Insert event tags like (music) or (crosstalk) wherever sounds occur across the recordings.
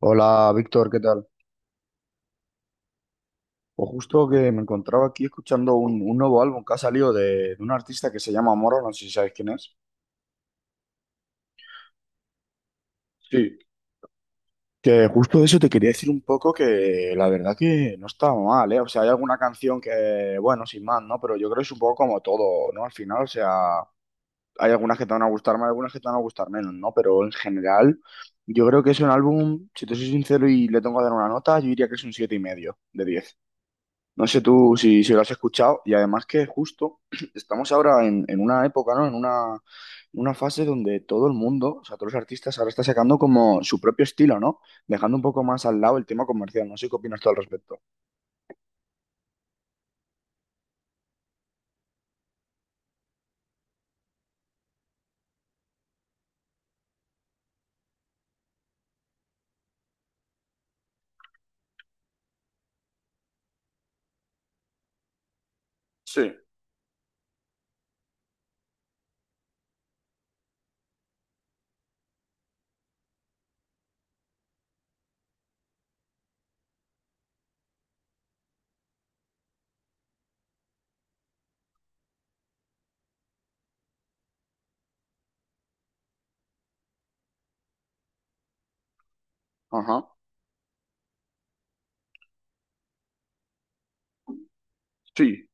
Hola, Víctor, ¿qué tal? Pues justo que me encontraba aquí escuchando un nuevo álbum que ha salido de un artista que se llama Moro, no sé si sabes quién es. Sí. Que justo de eso te quería decir un poco que la verdad que no está mal, ¿eh? O sea, hay alguna canción que, bueno, sin más, ¿no? Pero yo creo que es un poco como todo, ¿no? Al final, o sea, hay algunas que te van a gustar más, algunas que te van a gustar menos, ¿no? Pero en general, yo creo que es un álbum, si te soy sincero y le tengo que dar una nota, yo diría que es un 7,5 de 10. No sé tú si lo has escuchado y además que justo (clears throat) estamos ahora en una época, ¿no? En una fase donde todo el mundo, o sea, todos los artistas ahora están sacando como su propio estilo, ¿no? Dejando un poco más al lado el tema comercial. No sé qué opinas tú al respecto. Sí. Ajá. Sí.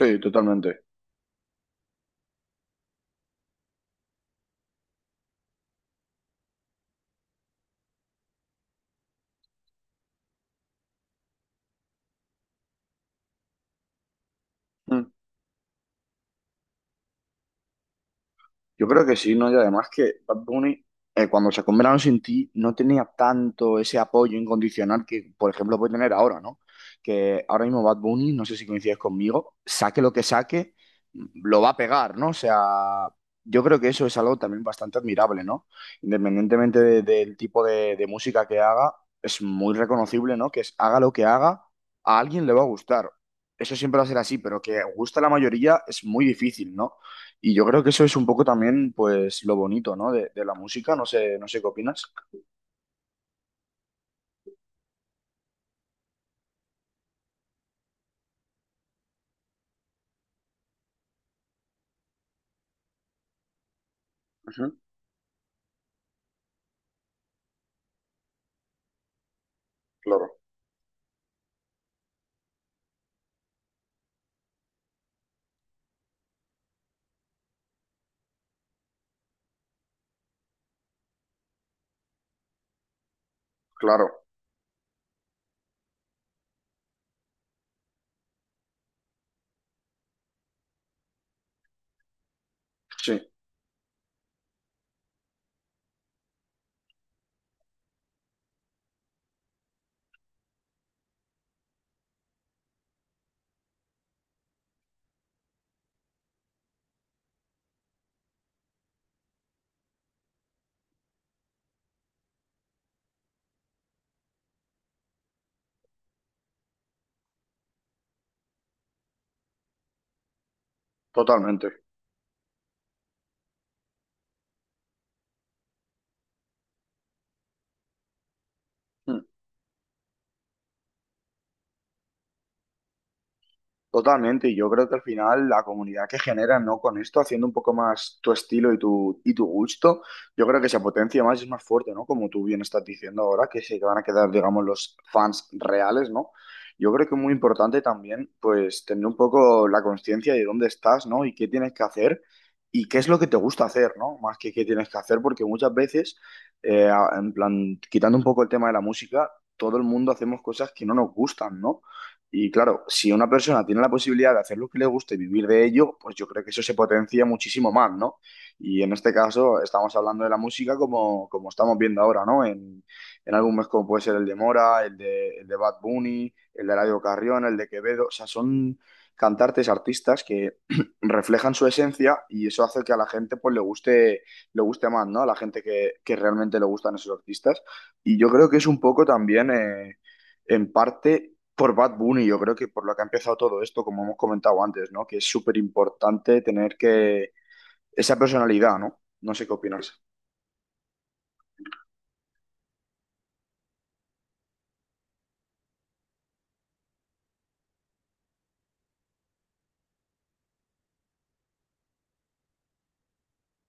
Sí, totalmente. Yo creo que sí, ¿no? Y además que Bad Bunny, cuando sacó Un Verano Sin Ti, no tenía tanto ese apoyo incondicional que, por ejemplo, puede tener ahora, ¿no? Que ahora mismo Bad Bunny, no sé si coincides conmigo, saque lo que saque, lo va a pegar, ¿no? O sea, yo creo que eso es algo también bastante admirable, ¿no? Independientemente del tipo de música que haga, es muy reconocible, ¿no? Que es haga lo que haga, a alguien le va a gustar. Eso siempre va a ser así, pero que guste a la mayoría es muy difícil, ¿no? Y yo creo que eso es un poco también, pues, lo bonito, ¿no? De la música, no sé qué opinas. Ujú. Claro, claro. Sí, totalmente. Totalmente, y yo creo que al final la comunidad que genera, ¿no? Con esto, haciendo un poco más tu estilo y tu gusto, yo creo que se potencia más y es más fuerte, ¿no? Como tú bien estás diciendo ahora, que se van a quedar, digamos, los fans reales, ¿no? Yo creo que es muy importante también, pues, tener un poco la conciencia de dónde estás, ¿no? Y qué tienes que hacer y qué es lo que te gusta hacer, ¿no? Más que qué tienes que hacer, porque muchas veces, en plan, quitando un poco el tema de la música, todo el mundo hacemos cosas que no nos gustan, ¿no? Y claro, si una persona tiene la posibilidad de hacer lo que le gusta y vivir de ello, pues yo creo que eso se potencia muchísimo más, ¿no? Y en este caso estamos hablando de la música como estamos viendo ahora, ¿no? En álbumes como puede ser el de Mora, el de Bad Bunny, el de Eladio Carrión, el de Quevedo, o sea, son cantantes, artistas que (clears throat) reflejan su esencia y eso hace que a la gente pues le guste más, ¿no? A la gente que realmente le gustan esos artistas. Y yo creo que es un poco también, en parte por Bad Bunny, yo creo que por lo que ha empezado todo esto, como hemos comentado antes, ¿no? Que es súper importante tener que esa personalidad, ¿no? No sé qué opinas.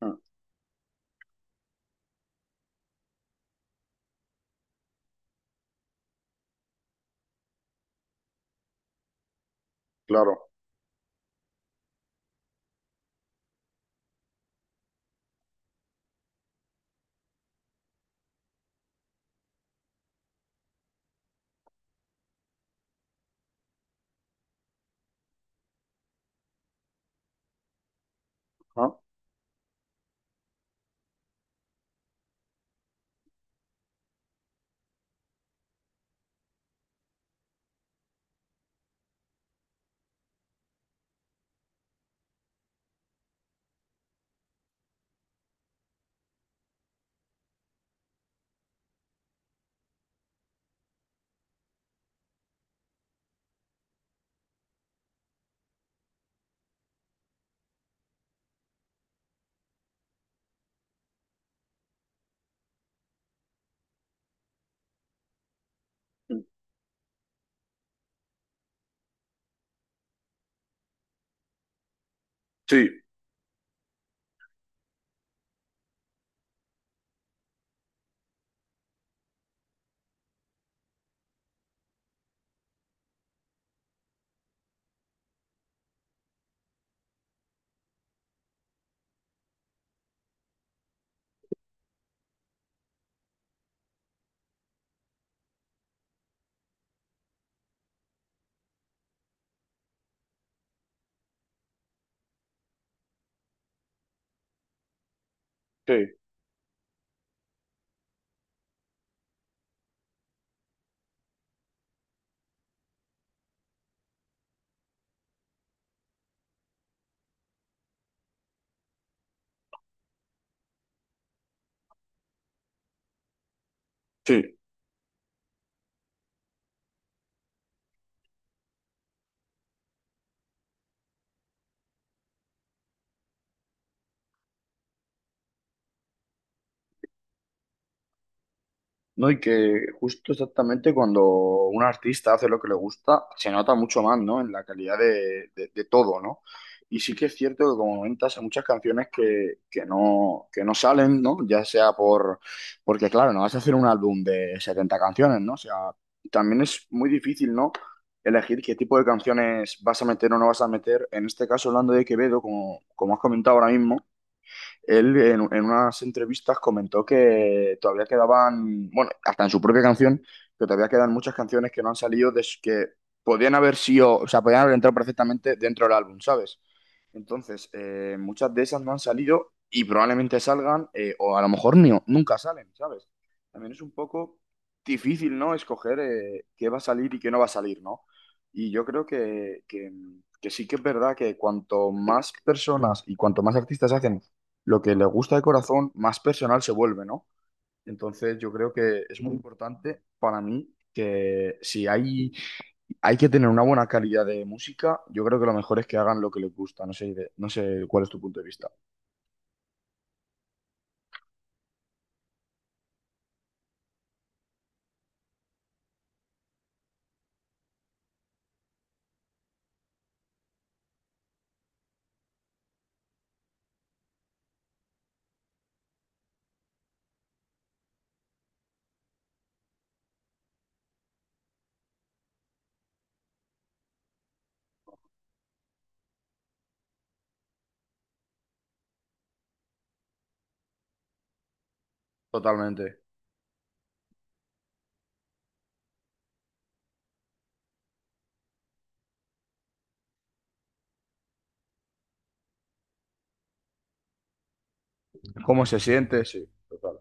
Ah, claro. Ah. Sí, sí, sí. No, y que justo exactamente cuando un artista hace lo que le gusta, se nota mucho más, ¿no? En la calidad de todo, ¿no? Y sí que es cierto que, como comentas, hay muchas canciones que no salen, ¿no? Ya sea por... Porque, claro, no vas a hacer un álbum de 70 canciones, ¿no? O sea, también es muy difícil, ¿no? Elegir qué tipo de canciones vas a meter o no vas a meter. En este caso, hablando de Quevedo, como has comentado ahora mismo, él en unas entrevistas comentó que todavía quedaban, bueno, hasta en su propia canción, que todavía quedan muchas canciones que no han salido, que podían haber sido, o sea, podían haber entrado perfectamente dentro del álbum, ¿sabes? Entonces, muchas de esas no han salido y probablemente salgan, o a lo mejor ni, nunca salen, ¿sabes? También es un poco difícil, ¿no? Escoger, qué va a salir y qué no va a salir, ¿no? Y yo creo que sí que es verdad que cuanto más personas y cuanto más artistas hacen lo que les gusta de corazón, más personal se vuelve, ¿no? Entonces, yo creo que es muy importante para mí que si hay que tener una buena calidad de música. Yo creo que lo mejor es que hagan lo que les gusta. No sé, no sé cuál es tu punto de vista. Totalmente. ¿Cómo se siente? Sí, total.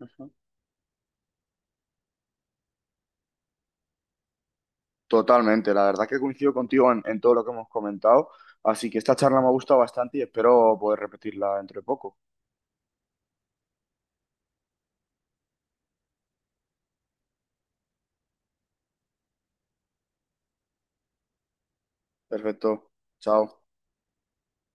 Ujú. Totalmente. La verdad que coincido contigo en todo lo que hemos comentado. Así que esta charla me ha gustado bastante y espero poder repetirla entre poco. Perfecto. Chao.